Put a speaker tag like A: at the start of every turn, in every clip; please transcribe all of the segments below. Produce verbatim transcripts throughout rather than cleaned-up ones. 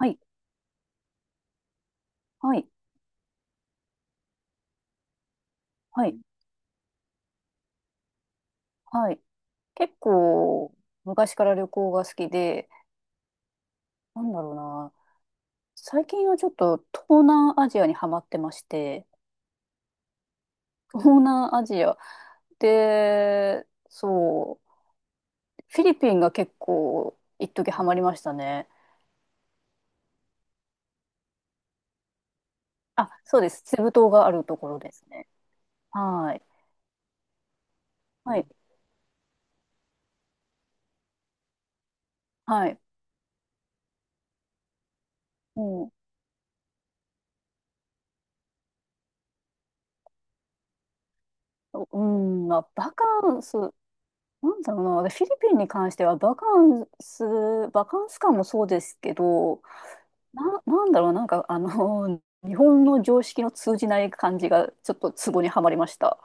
A: はい、はい、はい、はい。結構、昔から旅行が好きで、なんだろうな。最近はちょっと東南アジアにハマってまして、東南アジアで、そう、フィリピンが結構、一時ハマりましたね。あ、そうです。セブ島があるところですね。はい。はい。はい。うん。うん、まあ、バカンス、なんだろうな。私フィリピンに関しては、バカンス、バカンス感もそうですけど、な、なんだろう、なんか、あの、日本の常識の通じない感じが、ちょっとツボにはまりました。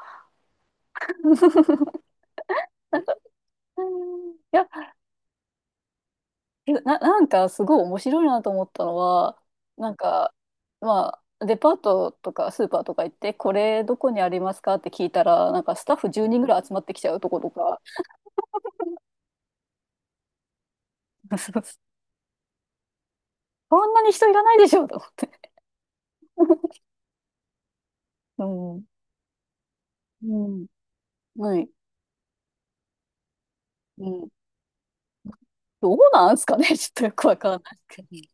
A: うん、いや、な、なんか、すごい面白いなと思ったのは、なんか、まあ、デパートとかスーパーとか行って、これどこにありますかって聞いたら、なんかスタッフじゅうにんぐらい集まってきちゃうとことか、こんなに人いらないでしょと思って。うん。うん。はい。うん。どうなんすかね。 ちょっとよくわかんないですけ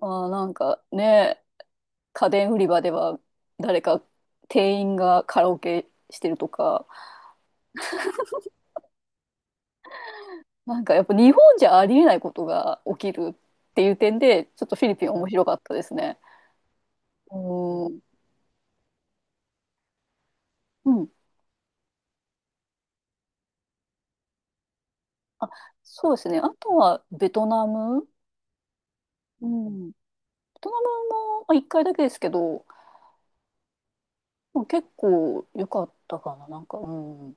A: ど。ああ、なんかね、家電売り場では誰か店員がカラオケしてるとか、なんかやっぱ日本じゃありえないことが起きるっていう点で、ちょっとフィリピン面白かったですね。うん。うん。あ、そうですね。あとはベトナム。うん。ベトナムもまあ一回だけですけど、でも結構良かったかな。なんか、うん。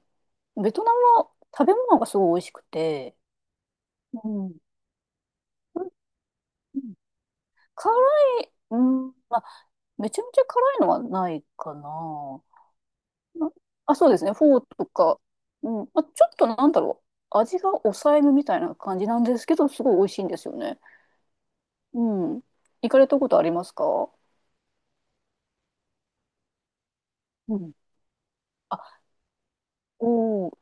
A: ベトナムは食べ物がすごい美味しくて、うん。うん、辛い、うん、まあ、めちゃめちゃ辛いのはないかな。な、あ、そうですね。フォーとか。うん。まあ、ちょっとなんだろう。味が抑えめみたいな感じなんですけど、すごい美味しいんですよね。うん。行かれたことありますか？うん。あ、おー、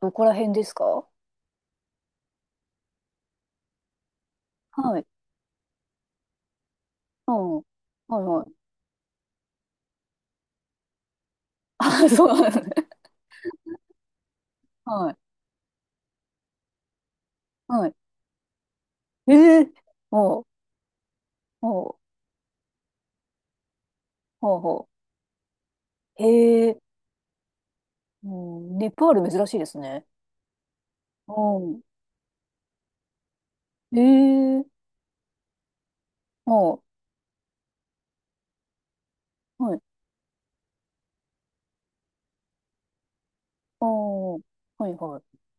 A: どこら辺ですか？はい。うん。はいはい。あ、そうなんですね。はい。はい。ええ、ほう、ほう、ほう、ほう。へえ、うん、ネパール珍しいですね。うん。ええ、ほう。はい、ああ、はいはい。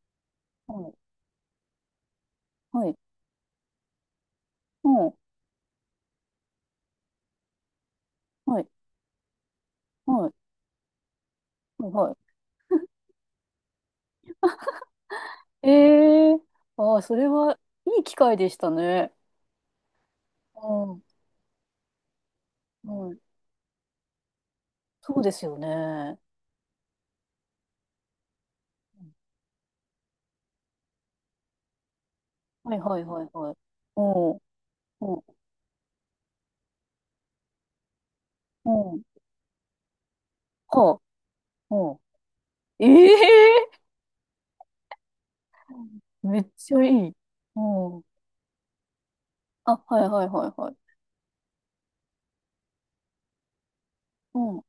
A: はい、はい、うん、はい、はい、はい、はい。ええー、ああ、それはいい機会でしたね。うん、はい。そうですよね。うん、はい、はい、はい、はい。うん、うん、うん、はあ、うん。ええー、めっちゃいい。うん。あ、はい、はい、はい、はい。うん、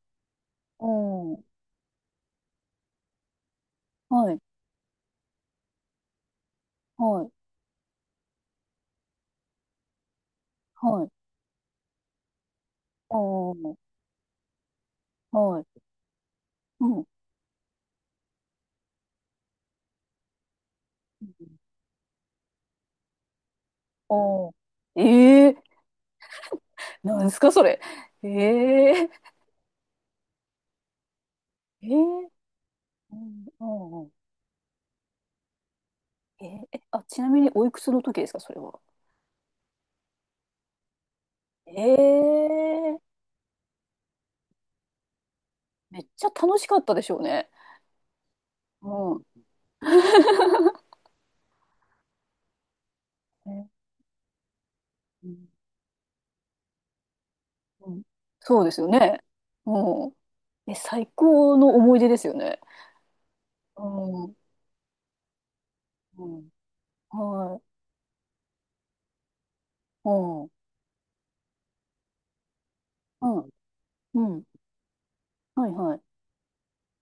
A: うん、はい、はい、はい。うん、はい、うん。うん。ああ。ええ、なんですか、それ。ええ、ええ、うん、うんうん、ええ、え、あ、ちなみにおいくつの時ですか、それは。ええ、めっちゃ楽しかったでしょうね。うん。え、うん、うん、そうですよね。うん。え、最高の思い出ですよね。うん。うん。はい。うん。うん。うん。はいはい。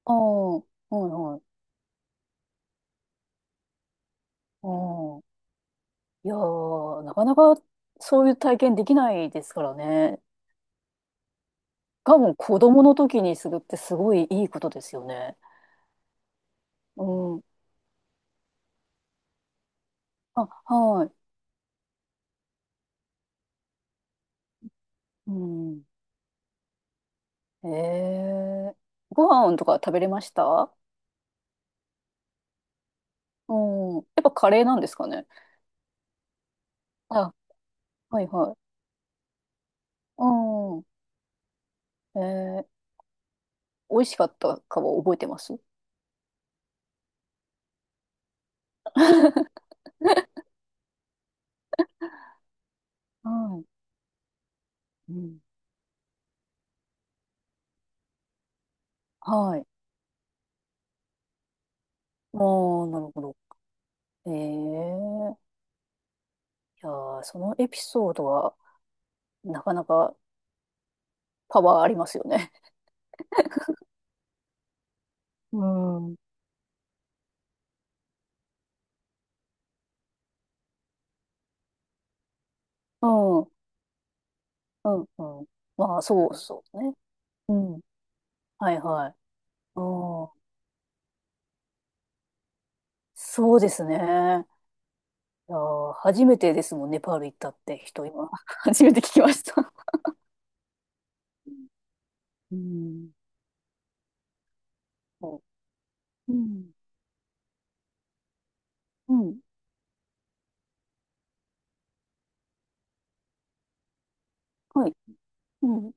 A: ああ、はいはい。うん。いやー、なかなかそういう体験できないですからね。多分子供の時にするってすごいいいことですよね。うん。あ、はい。うん。ええ、ご飯とか食べれました？うん。やっぱカレーなんですかね。あ、はいはい。うん。ええ、美味しかったかは覚えてます？はい。うん。はい。ああ、なるほど。ええ、いやー、そのエピソードはなかなかパワーありますよね。うん。うん。うん。うん。まあ、そうそうね。うん。はいはい。うん。そうですね。いやー、初めてですもんね、ネパール行ったって人、今。初めて聞きました。うん。そう。うん。うん。はい。うん。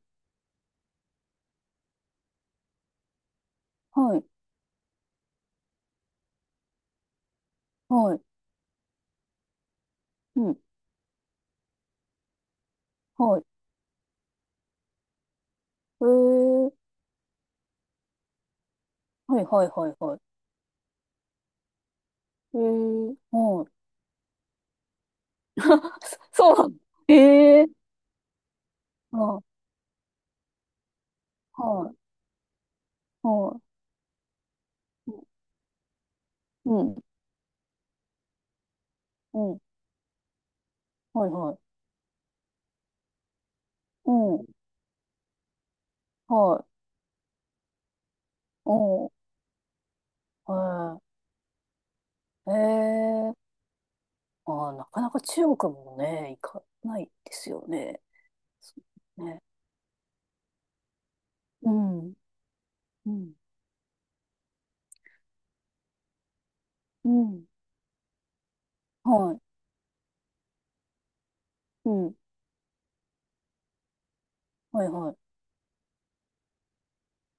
A: はい。はい。うん。はい。えー。はいはいはいはい。えー。はい。そ、そうなの？えー。あ、はい。はい。うん。うん。はいはい。うん。はい。うん。ええー、ああ、なかなか中国もね、行かないですよね。そうね。うん。うん。うん。はい。うん。はいはい。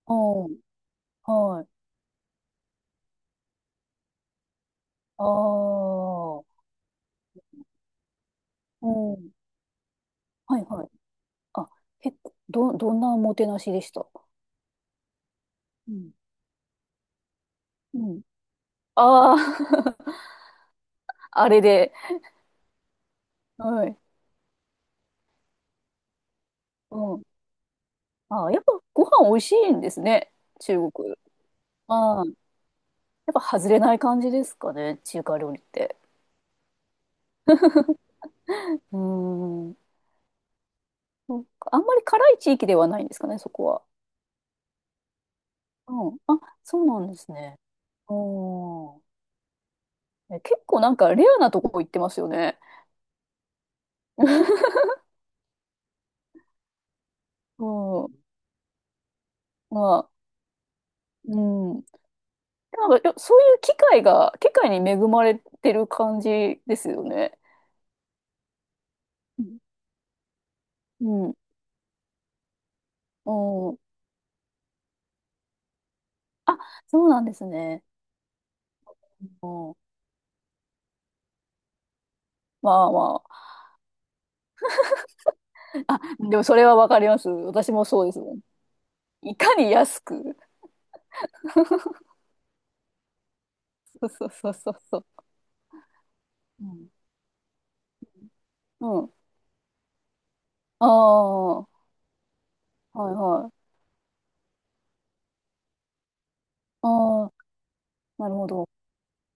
A: ああ、はい。ああ、うん。はいはい。あ、結構、ど、どんなおもてなしでした？うん。うん。ああ、あれで。はい。うん。ああ、やっぱご飯美味しいんですね。中国。ああ、やっぱ外れない感じですかね。中華料理って。うーん。そうか、あんまり辛い地域ではないんですかね、そこは。うん。あ、そうなんですね。うん。え、結構なんかレアなとこ行ってますよね。うん。まあ、うん。なんか、いや、そういう機会が、機会に恵まれてる感じですよね。うん。うん。あ、そうなんですね。うん。まあまあ。あ、でもそれはわかります。私もそうですもん。いかに安く。そうそうそうそうそう。うん。うん。ああ、はいはい。ああ、なるほど。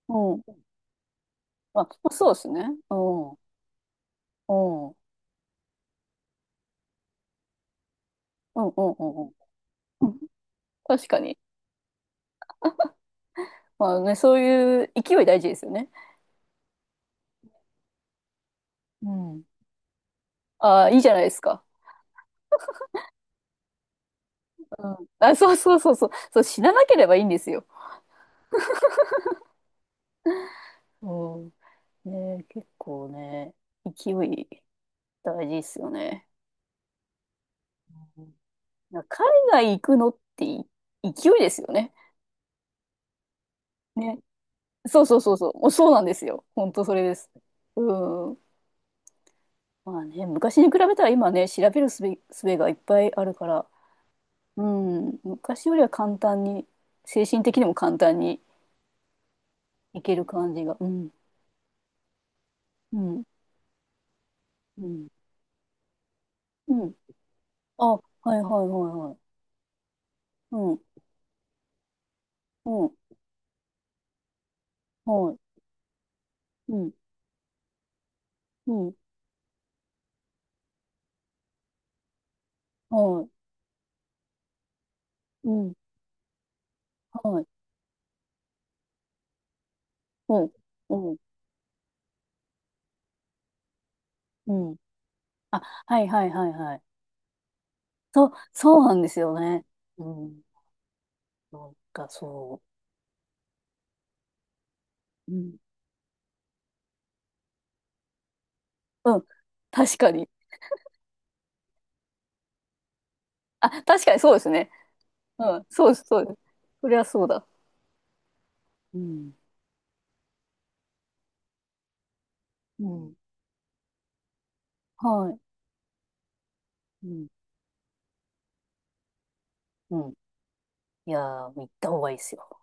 A: うん。あ、まあそうですね。うん。うん。うん。うん。うん。うん。確かに。まあね、そういう勢い大事ですよね。うん。ああ、いいじゃないですか。うん。あ、そうそうそうそう。そう、死ななければいいんですよ。うん。ね、結構ね、勢い大事ですよね。うん、海外行くのってい勢いですよね。ね。そうそうそうそう。もうそうなんですよ。本当それです。うん。まあね、昔に比べたら今ね、調べるすべ、すべがいっぱいあるから、うん、昔よりは簡単に、精神的にも簡単にいける感じが。うん、うん、うん、うん。あ、はいはいはいはい。うん、うん、はい、うん、うん、はい、うん、はい、うん、うん、うん。あ、はいはいはいはい。そう、そうなんですよね。うん、なんかそう。うん、うん、確かに。あ、確かにそうですね。うん、そうです、そうです。そりゃそうだ。うん、うん、はい。うん、うん。いやー、行った方がいいですよ。